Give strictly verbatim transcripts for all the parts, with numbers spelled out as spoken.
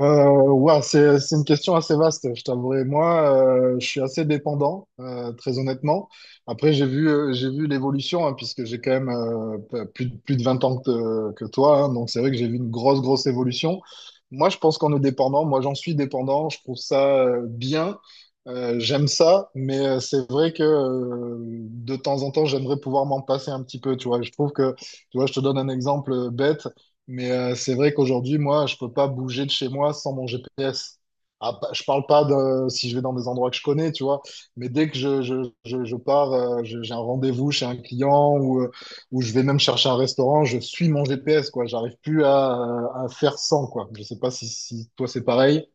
Euh, ouais, c'est, c'est une question assez vaste, je t'avouerai. Moi, euh, je suis assez dépendant, euh, très honnêtement. Après, j'ai vu, euh, j'ai vu l'évolution, hein, puisque j'ai quand même euh, p- plus, de- plus de vingt ans que, que toi, hein. Donc c'est vrai que j'ai vu une grosse, grosse évolution. Moi, je pense qu'on est dépendant. Moi, j'en suis dépendant. Je trouve ça euh, bien. Euh, j'aime ça, mais euh, c'est vrai que euh, de temps en temps, j'aimerais pouvoir m'en passer un petit peu. Tu vois, je trouve que, tu vois, je te donne un exemple euh, bête. Mais euh, c'est vrai qu'aujourd'hui, moi, je peux pas bouger de chez moi sans mon G P S. Ah, pa- je parle pas de si je vais dans des endroits que je connais, tu vois. Mais dès que je, je, je, je pars, euh, je- j'ai un rendez-vous chez un client ou, euh, ou je vais même chercher un restaurant, je suis mon G P S, quoi. J'arrive plus à, à faire sans, quoi. Je sais pas si, si toi c'est pareil.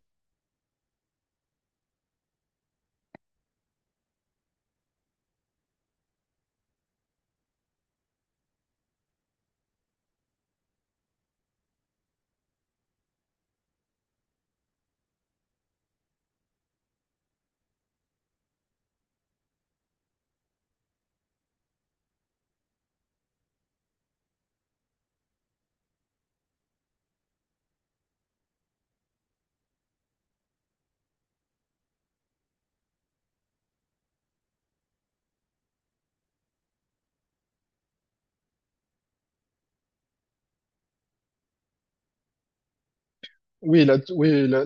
Oui, là, t- oui, là,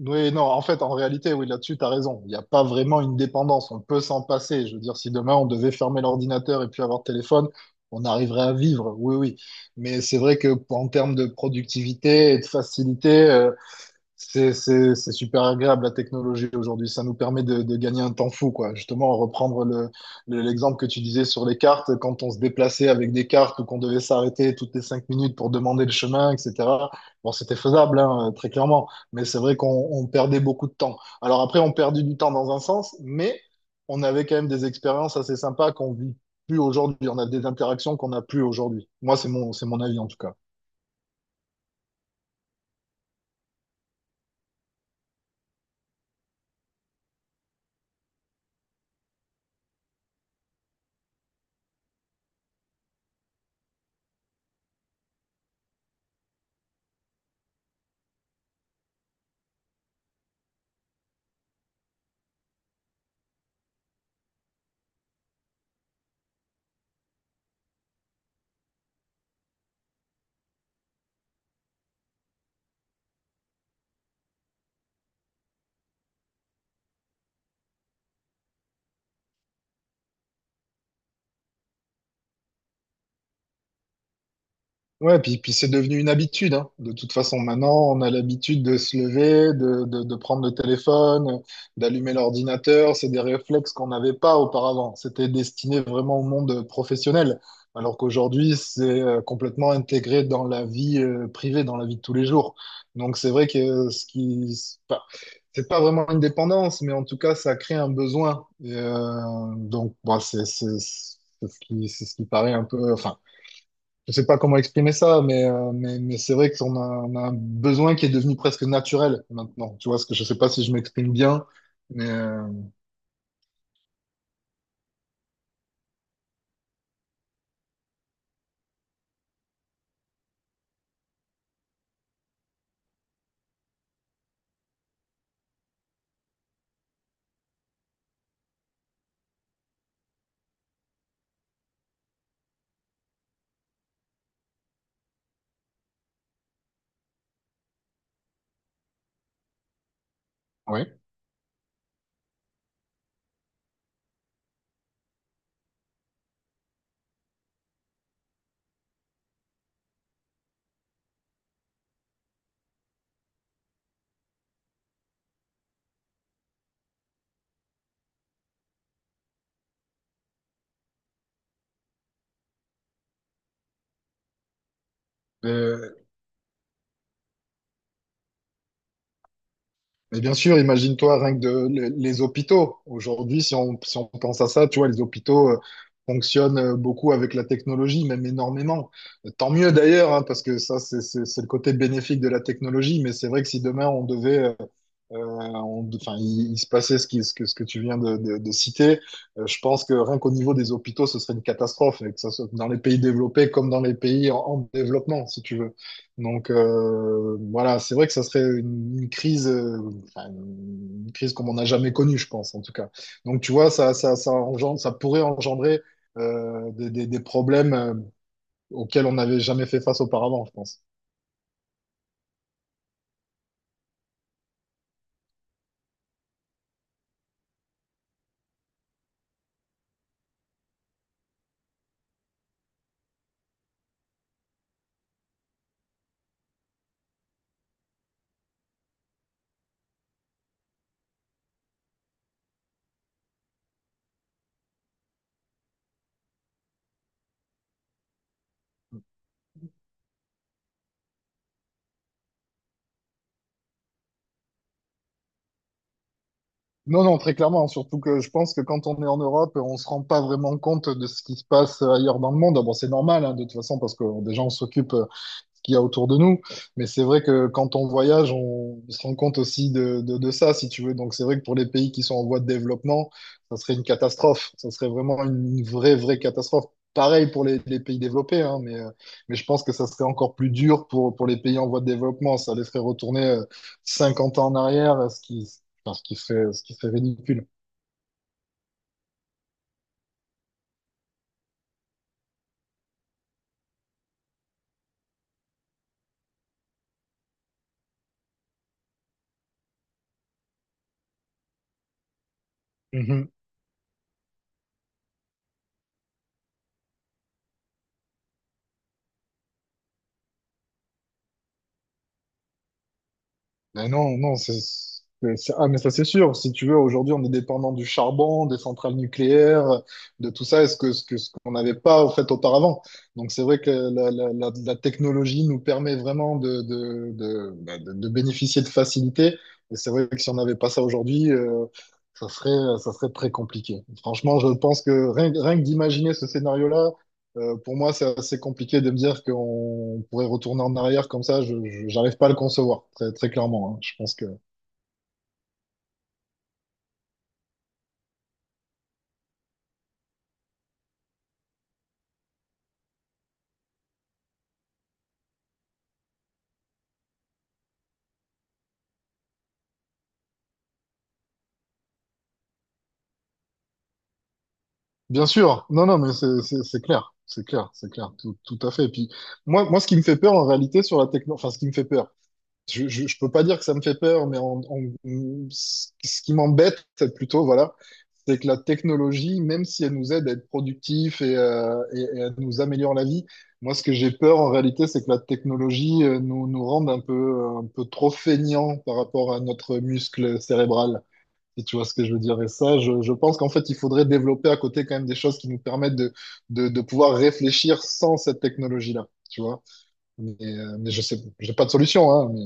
oui, non, en fait, en réalité, oui, là-dessus, tu as raison. Il n'y a pas vraiment une dépendance. On peut s'en passer. Je veux dire, si demain on devait fermer l'ordinateur et puis avoir le téléphone, on arriverait à vivre. Oui, oui. Mais c'est vrai que en termes de productivité et de facilité, euh, c'est c'est- c'est super agréable la technologie aujourd'hui. Ça nous permet de, de gagner un temps fou, quoi. Justement, reprendre le, le- l'exemple que tu disais sur les cartes, quand on se déplaçait avec des cartes ou qu'on devait s'arrêter toutes les cinq minutes pour demander le chemin, et cetera. Bon, c'était faisable, hein, euh, très clairement. Mais c'est vrai qu'on on perdait beaucoup de temps. Alors après, on perdait du temps dans un sens, mais on avait quand même des expériences assez sympas qu'on vit plus aujourd'hui. On a des interactions qu'on n'a plus aujourd'hui. Moi, c'est mon, c'est mon avis en tout cas. Ouais, puis, puis c'est devenu une habitude, hein. De toute façon, maintenant, on a l'habitude de se lever, de, de, de prendre le téléphone, d'allumer l'ordinateur. C'est des réflexes qu'on n'avait pas auparavant. C'était destiné vraiment au monde professionnel, alors qu'aujourd'hui, c'est euh, complètement intégré dans la vie euh, privée, dans la vie de tous les jours. Donc c'est vrai que euh, ce qui, c'est pas, c'est pas vraiment une dépendance, mais en tout cas, ça crée un besoin. Et, euh, donc, bon, c'est c'est- c'est ce qui, c'est ce qui paraît un peu, enfin je sais pas comment exprimer ça, mais, euh, mais, mais c'est vrai qu'on a, on a un besoin qui est devenu presque naturel maintenant. Tu vois, ce que je sais pas si je m'exprime bien, mais euh, ouais. Euh, Mais bien sûr, imagine-toi rien que de, les, les hôpitaux. Aujourd'hui, si on, si on pense à ça, tu vois, les hôpitaux euh, fonctionnent euh, beaucoup avec la technologie, même énormément. Euh, Tant mieux d'ailleurs, hein, parce que ça, c'est c'est- c'est le côté bénéfique de la technologie. Mais c'est vrai que si demain, on devait, euh, euh, on- enfin, il, il se passait ce, qui- ce que, ce que tu viens de, de- de citer. Euh, je pense que rien qu'au niveau des hôpitaux, ce serait une catastrophe, et que ça soit dans les pays développés comme dans les pays en, en développement, si tu veux. Donc euh, voilà, c'est vrai que ça serait une, une crise, euh, enfin, une crise comme on n'a jamais connue, je pense, en tout cas. Donc, tu vois, ça, ça, ça, engendre, ça pourrait engendrer euh, des, des- des problèmes euh, auxquels on n'avait jamais fait face auparavant, je pense. Non, non, très clairement, hein. Surtout que je pense que quand on est en Europe, on se rend pas vraiment compte de ce qui se passe ailleurs dans le monde. Ah bon, c'est normal, hein, de toute façon, parce que euh, déjà, on s'occupe euh, de ce qu'il y a autour de nous. Mais c'est vrai que quand on voyage, on se rend compte aussi de, de, de ça, si tu veux. Donc, c'est vrai que pour les pays qui sont en voie de développement, ça serait une catastrophe. Ça serait vraiment une vraie, vraie catastrophe. Pareil pour les, les pays développés, hein, mais, euh, mais je pense que ça serait encore plus dur pour, pour les pays en voie de développement. Ça les ferait retourner euh, cinquante ans en arrière, ce qui, parce qu'il fait, ce qui fait ridicule. Mhm. Mais non, non, c'est, c'est- c'est- ah, mais ça c'est sûr. Si tu veux, aujourd'hui, on est dépendant du charbon, des centrales nucléaires, de tout ça, est-ce que, ce que, ce qu'on n'avait pas au fait auparavant. Donc c'est vrai que la, la, la, la technologie nous permet vraiment de, de, de, bah, de, de bénéficier de facilité. Et c'est vrai que si on n'avait pas ça aujourd'hui, euh, ça serait, ça serait très compliqué. Franchement, je pense que rien, rien que d'imaginer ce scénario-là, Euh, pour moi, c'est assez compliqué de me dire qu'on pourrait retourner en arrière comme ça. Je, je- j'arrive pas à le concevoir, très, très clairement, hein. Je pense que, bien sûr, non, non, mais c'est, c'est, c'est clair, c'est clair, c'est clair, tout, tout à fait. Et puis, moi, moi, ce qui me fait peur en réalité sur la techno, enfin, ce qui me fait peur. Je, je, je peux pas dire que ça me fait peur, mais en- en- ce ce qui m'embête plutôt, voilà, c'est que la technologie, même si elle nous aide à être productifs et, euh, et- et elle nous améliore la vie, moi, ce que j'ai peur en réalité, c'est que la technologie euh, nous, nous rende un peu, euh, un peu trop feignants par rapport à notre muscle cérébral. Si tu vois ce que je veux dire. Et ça, je, je pense qu'en fait, il faudrait développer à côté quand même des choses qui nous permettent de, de, de pouvoir réfléchir sans cette technologie-là. Tu vois? Mais, euh, mais je sais, j'ai pas de solution, hein, mais...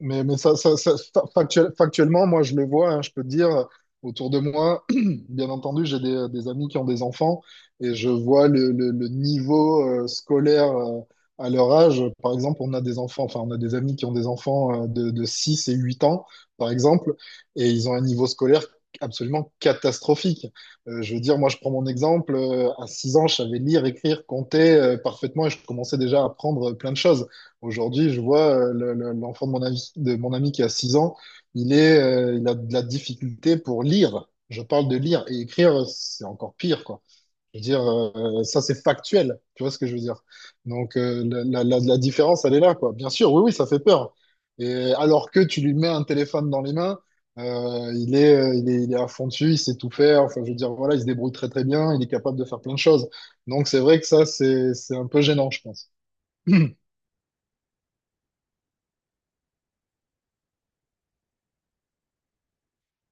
Mais, mais ça, ça, ça- fa- factuel- factuellement, moi, je le vois, hein, je peux te dire, euh, autour de moi, bien entendu, j'ai des, des amis qui ont des enfants et je vois le, le- le niveau euh, scolaire euh, à leur âge. Par exemple, on a des enfants, enfin, on a des amis qui ont des enfants euh, de, de six et huit ans, par exemple, et ils ont un niveau scolaire absolument catastrophique. Euh, je veux dire, moi, je prends mon exemple, euh, à six ans, je savais lire, écrire, compter euh, parfaitement et je commençais déjà à apprendre euh, plein de choses. Aujourd'hui, je vois euh, le- le- l'enfant de mon ami, de mon ami qui a six ans, il est, euh, il a de la difficulté pour lire. Je parle de lire et écrire, c'est encore pire, quoi. Je veux dire, euh, ça, c'est factuel. Tu vois ce que je veux dire? Donc, euh, la, la, la- la différence, elle est là, quoi. Bien sûr, oui, oui, ça fait peur. Et alors que tu lui mets un téléphone dans les mains, euh, il est, euh, il est, il est à fond dessus, il sait tout faire. Enfin, je veux dire, voilà, il se débrouille très, très bien, il est capable de faire plein de choses. Donc, c'est vrai que ça, c'est, c'est un peu gênant, je pense.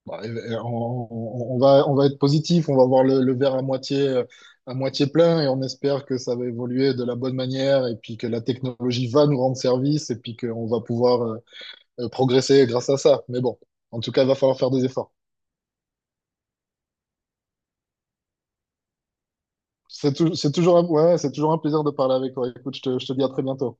Bah, euh, On, on- on va, on va être positif, on va voir le, le verre à moitié, euh, à moitié plein et on espère que ça va évoluer de la bonne manière et puis que la technologie va nous rendre service et puis qu'on va pouvoir euh, euh, progresser grâce à ça. Mais bon, en tout cas, il va falloir faire des efforts. C'est tou- c'est toujours un, ouais, c'est toujours un plaisir de parler avec toi. Écoute, je te, je te dis à très bientôt.